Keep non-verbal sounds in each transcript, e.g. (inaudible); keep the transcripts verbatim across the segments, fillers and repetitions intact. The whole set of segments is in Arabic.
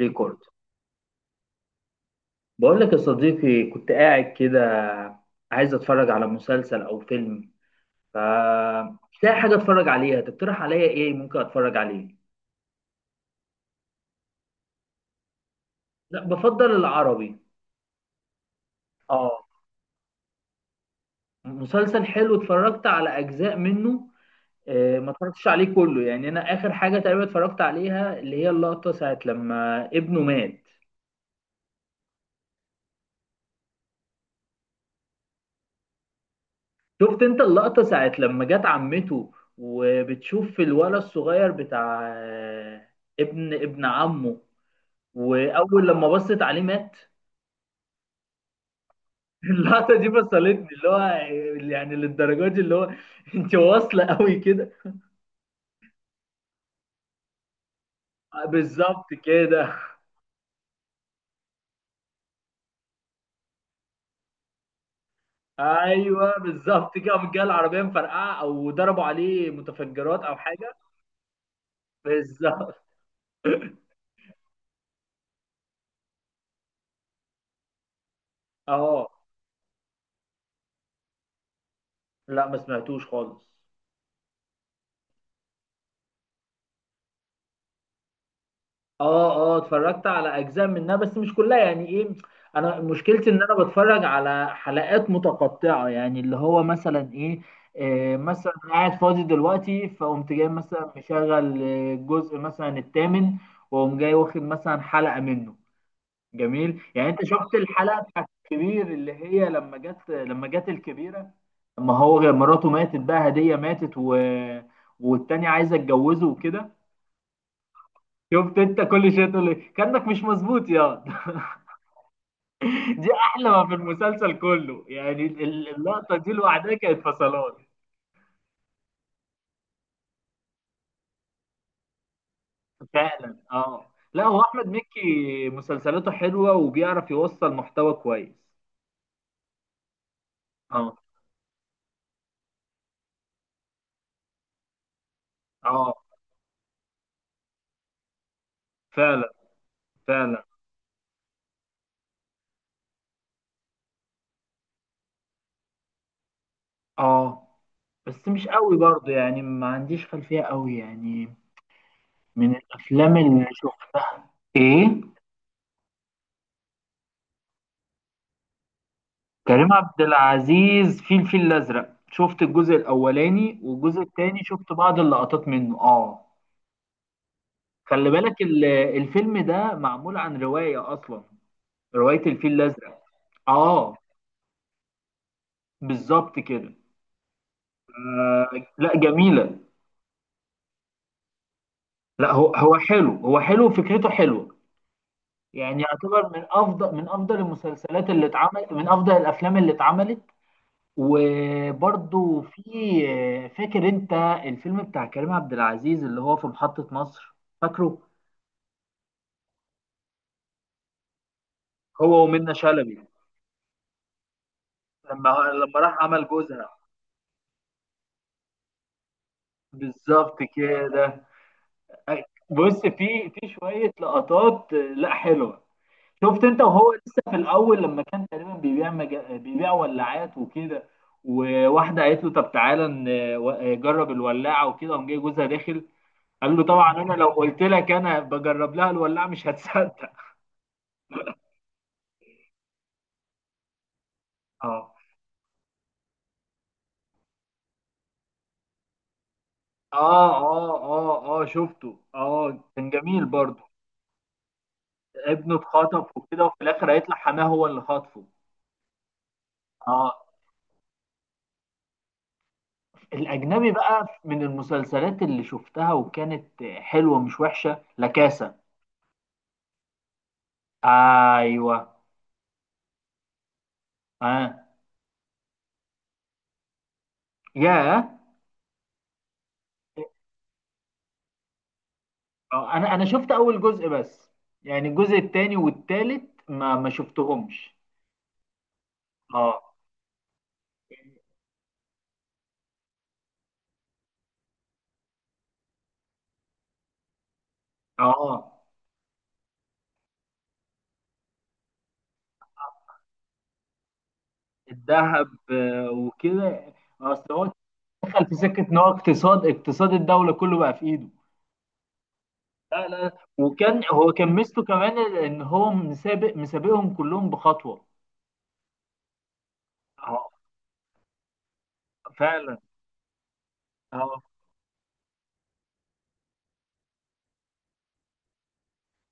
ريكورد. بقول لك يا صديقي، كنت قاعد كده عايز اتفرج على مسلسل او فيلم، ف مش لاقي حاجه اتفرج عليها. تقترح عليا ايه ممكن اتفرج عليه؟ لا، بفضل العربي. اه، مسلسل حلو، اتفرجت على اجزاء منه. آه، ما اتفرجتش عليه كله، يعني انا اخر حاجه تقريبا اتفرجت عليها اللي هي اللقطه ساعه لما ابنه مات. شفت انت اللقطه ساعه لما جت عمته، وبتشوف الولد الصغير بتاع آه، ابن ابن عمه، واول لما بصت عليه مات. (laughs) اللقطه دي فصلتني، اللي هو يعني للدرجه دي، اللي هو انت واصله قوي كده. بالظبط كده. ايوه بالظبط كده، قامت جايه العربيه مفرقعه او ضربوا عليه متفجرات او حاجه. بالظبط. اه. لا، ما سمعتوش خالص. اه اه، اتفرجت على اجزاء منها بس مش كلها، يعني ايه. انا مشكلتي ان انا بتفرج على حلقات متقطعه، يعني اللي هو مثلا ايه، آه، مثلا قاعد فاضي دلوقتي فقمت جاي مثلا مشغل آه، الجزء مثلا الثامن، واقوم جاي واخد مثلا حلقه منه. جميل. يعني انت شفت الحلقه بتاعت الكبير اللي هي لما جت لما جت الكبيره، لما هو مراته ماتت، بقى هديه ماتت و... والتانية عايزه اتجوزه وكده. شفت انت كل شويه تقول لي كانك مش مظبوط يا. (laughs) دي احلى ما في المسلسل كله، يعني ال- اللقطه دي لوحدها كانت فصلات. فعلا. اه، لا هو احمد مكي مسلسلاته حلوه، وبيعرف يوصل محتوى كويس. اه اه فعلا فعلا. اه، بس مش قوي برضه، يعني ما عنديش خلفيه قوي يعني. من الافلام اللي شفتها ايه، كريم عبد العزيز في الفيل الأزرق، شفت الجزء الأولاني والجزء التاني، شفت بعض اللقطات منه اه. خلي بالك ال- الفيلم ده معمول عن رواية أصلا، رواية الفيل الأزرق. اه بالظبط كده. آه، لا جميلة. لا هو هو حلو، هو حلو فكرته حلوة. يعني يعتبر من أفضل، من أفضل المسلسلات اللي اتعمل، من أفضل الأفلام اللي اتعملت. وبرضو في، فاكر انت الفيلم بتاع كريم عبد العزيز اللي هو في محطة مصر، فاكره؟ هو ومنة شلبي. لما لما راح عمل جوزها، بالظبط كده. بص، في في شوية لقطات لا حلوة. شفت انت وهو لسه في الاول، لما كان تقريبا بيبيع مج... بيبيع ولاعات وكده، وواحدة قالت له طب تعالى ن- و- جرب الولاعة، وكده قام جاي جوزها داخل. قال له طبعا انا لو قلت لك انا بجرب لها الولاعة مش هتصدق. اه اه اه اه، اه شفته، اه كان جميل برضه. ابنه اتخطف وكده، وفي الاخر هيطلع حماه هو اللي خاطفه. اه. الاجنبي بقى من المسلسلات اللي شفتها وكانت حلوه، مش وحشه، لكاسة. ايوه. اه. ياه. آه، انا انا شفت اول جزء بس، يعني الجزء التاني والتالت ما ما شفتهمش. اه اه. الذهب آه، وكده. اصل هو دخل في سكه ان هو اقتصاد اقتصاد الدوله كله بقى في ايده. لا لا، وكان هو كان ميزته كمان ان هو مسابق مسابقهم كلهم بخطوه. اه فعلا. اه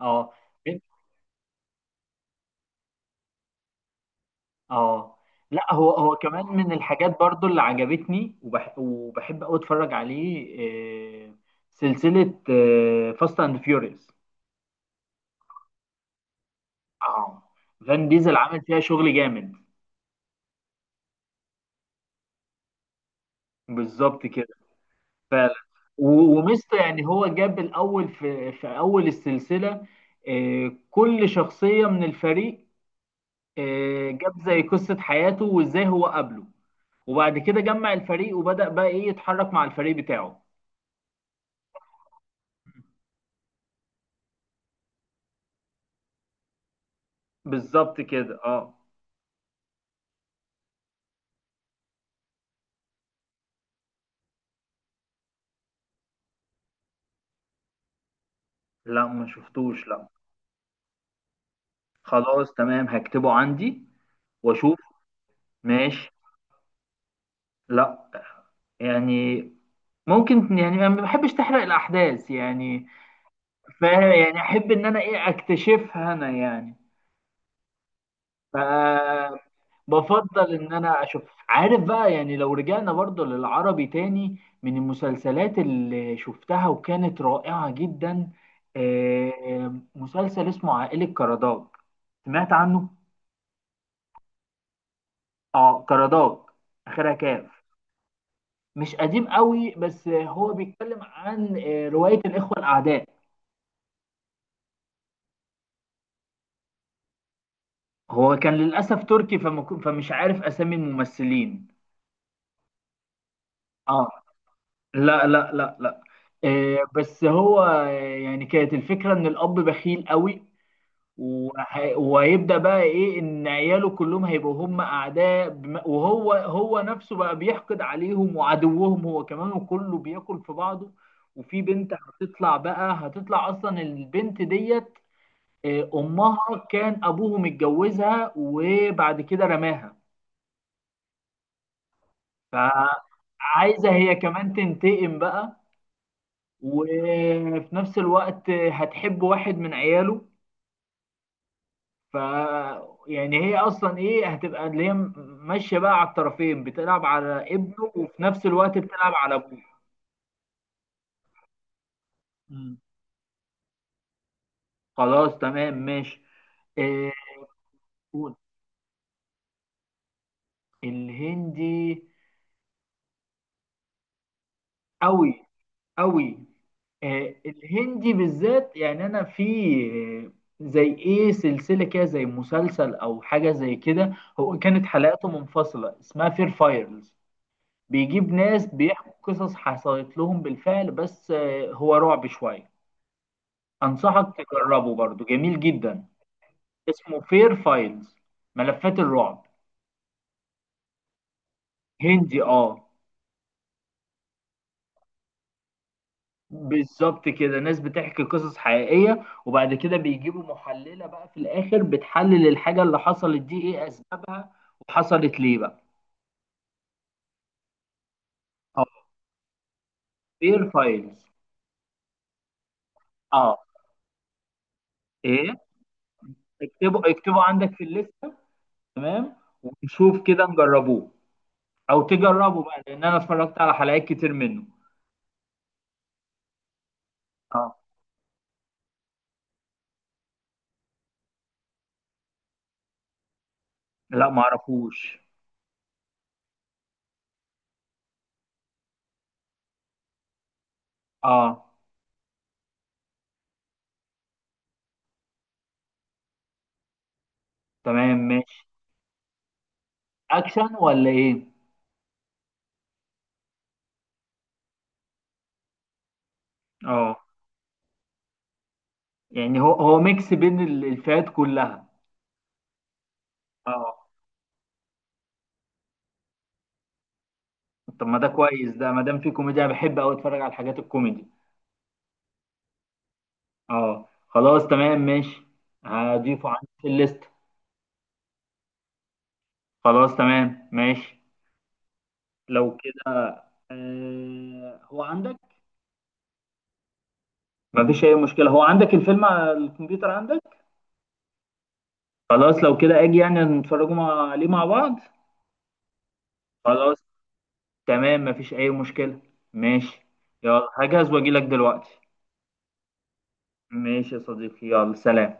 اه اه. لا هو، هو كمان من الحاجات برضو اللي عجبتني وبح وبحب قوي اتفرج عليه. آه، سلسله فاست اند فيوريوس. اه، فان ديزل عمل فيها شغل جامد. بالظبط كده. فعلا. و- وميستا، يعني هو جاب الاول في في اول السلسله آه، كل شخصيه من الفريق آه، جاب زي قصه حياته وازاي هو قابله. وبعد كده جمع الفريق وبدأ بقى ايه يتحرك مع الفريق بتاعه. بالظبط كده. اه. لا ما شفتوش لا. خلاص تمام، هكتبه عندي واشوف. ماشي. لا، يعني ممكن، يعني انا ما بحبش تحرق الاحداث يعني. ف يعني احب ان انا ايه اكتشفها انا يعني. ف بفضل ان انا اشوف. عارف بقى، يعني لو رجعنا برضه للعربي تاني، من المسلسلات اللي شفتها وكانت رائعة جدا آه، مسلسل اسمه عائلة كرداج. سمعت عنه؟ اه، كرداج، اخرها كاف. مش قديم قوي، بس هو بيتكلم عن آه، رواية الإخوة الأعداء. هو كان للأسف تركي فما كن- فمش عارف أسامي الممثلين. اه لا لا لا لا. آه، بس هو آه، يعني كانت الفكرة ان الاب بخيل قوي، وه- وهيبدأ بقى ايه ان عياله كلهم هيبقوا هم اعداء، بم- وهو هو نفسه بقى بيحقد عليهم وعدوهم هو كمان، وكله بياكل في بعضه. وفي بنت هتطلع بقى، هتطلع اصلا البنت ديت آه، امها كان ابوه متجوزها وبعد كده رماها، فعايزة هي كمان تنتقم بقى. وفي نفس الوقت هتحب واحد من عياله. ف يعني هي اصلا ايه هتبقى اللي هي ماشيه بقى على الطرفين، بتلعب على ابنه وفي نفس الوقت بتلعب على ابوه. مم. خلاص تمام ماشي. آه. قول. الهندي قوي قوي. آه، الهندي بالذات يعني انا في آه، زي ايه سلسله كده زي مسلسل او حاجه زي كده، هو كانت حلقاته منفصله اسمها فير فايرز. بيجيب ناس بيحكوا قصص حصلت لهم بالفعل، بس آه، هو رعب شوية. أنصحك تجربه برضو، جميل جدا. اسمه فير فايلز، ملفات الرعب. هندي اه. بالظبط كده، ناس بتحكي قصص حقيقية، وبعد كده بيجيبوا محللة بقى في الآخر بتحلل الحاجة اللي حصلت دي إيه أسبابها وحصلت ليه بقى. اه، فير فايلز. اه، إيه، اكتبوا اكتبوا عندك في الليستة. تمام. ونشوف كده نجربوه، او تجربه بقى لان انا اتفرجت على حلقات كتير منه. اه. لا ما اعرفوش. اه تمام ماشي. اكشن ولا ايه؟ اه، يعني هو هو ميكس بين ال- الفئات كلها. اه طب ما ده كويس، ده ما دام في كوميديا أنا بحب قوي اتفرج على الحاجات الكوميدي. اه، خلاص تمام ماشي. هضيفه عندي في الليست. خلاص تمام ماشي لو كده. آه هو عندك؟ ما فيش اي مشكلة، هو عندك الفيلم على الكمبيوتر عندك. خلاص لو كده اجي، يعني نتفرجوا مع- عليه مع بعض. خلاص تمام، مفيش اي مشكلة. ماشي. يلا هجهز واجي لك دلوقتي. ماشي يا صديقي، يلا سلام.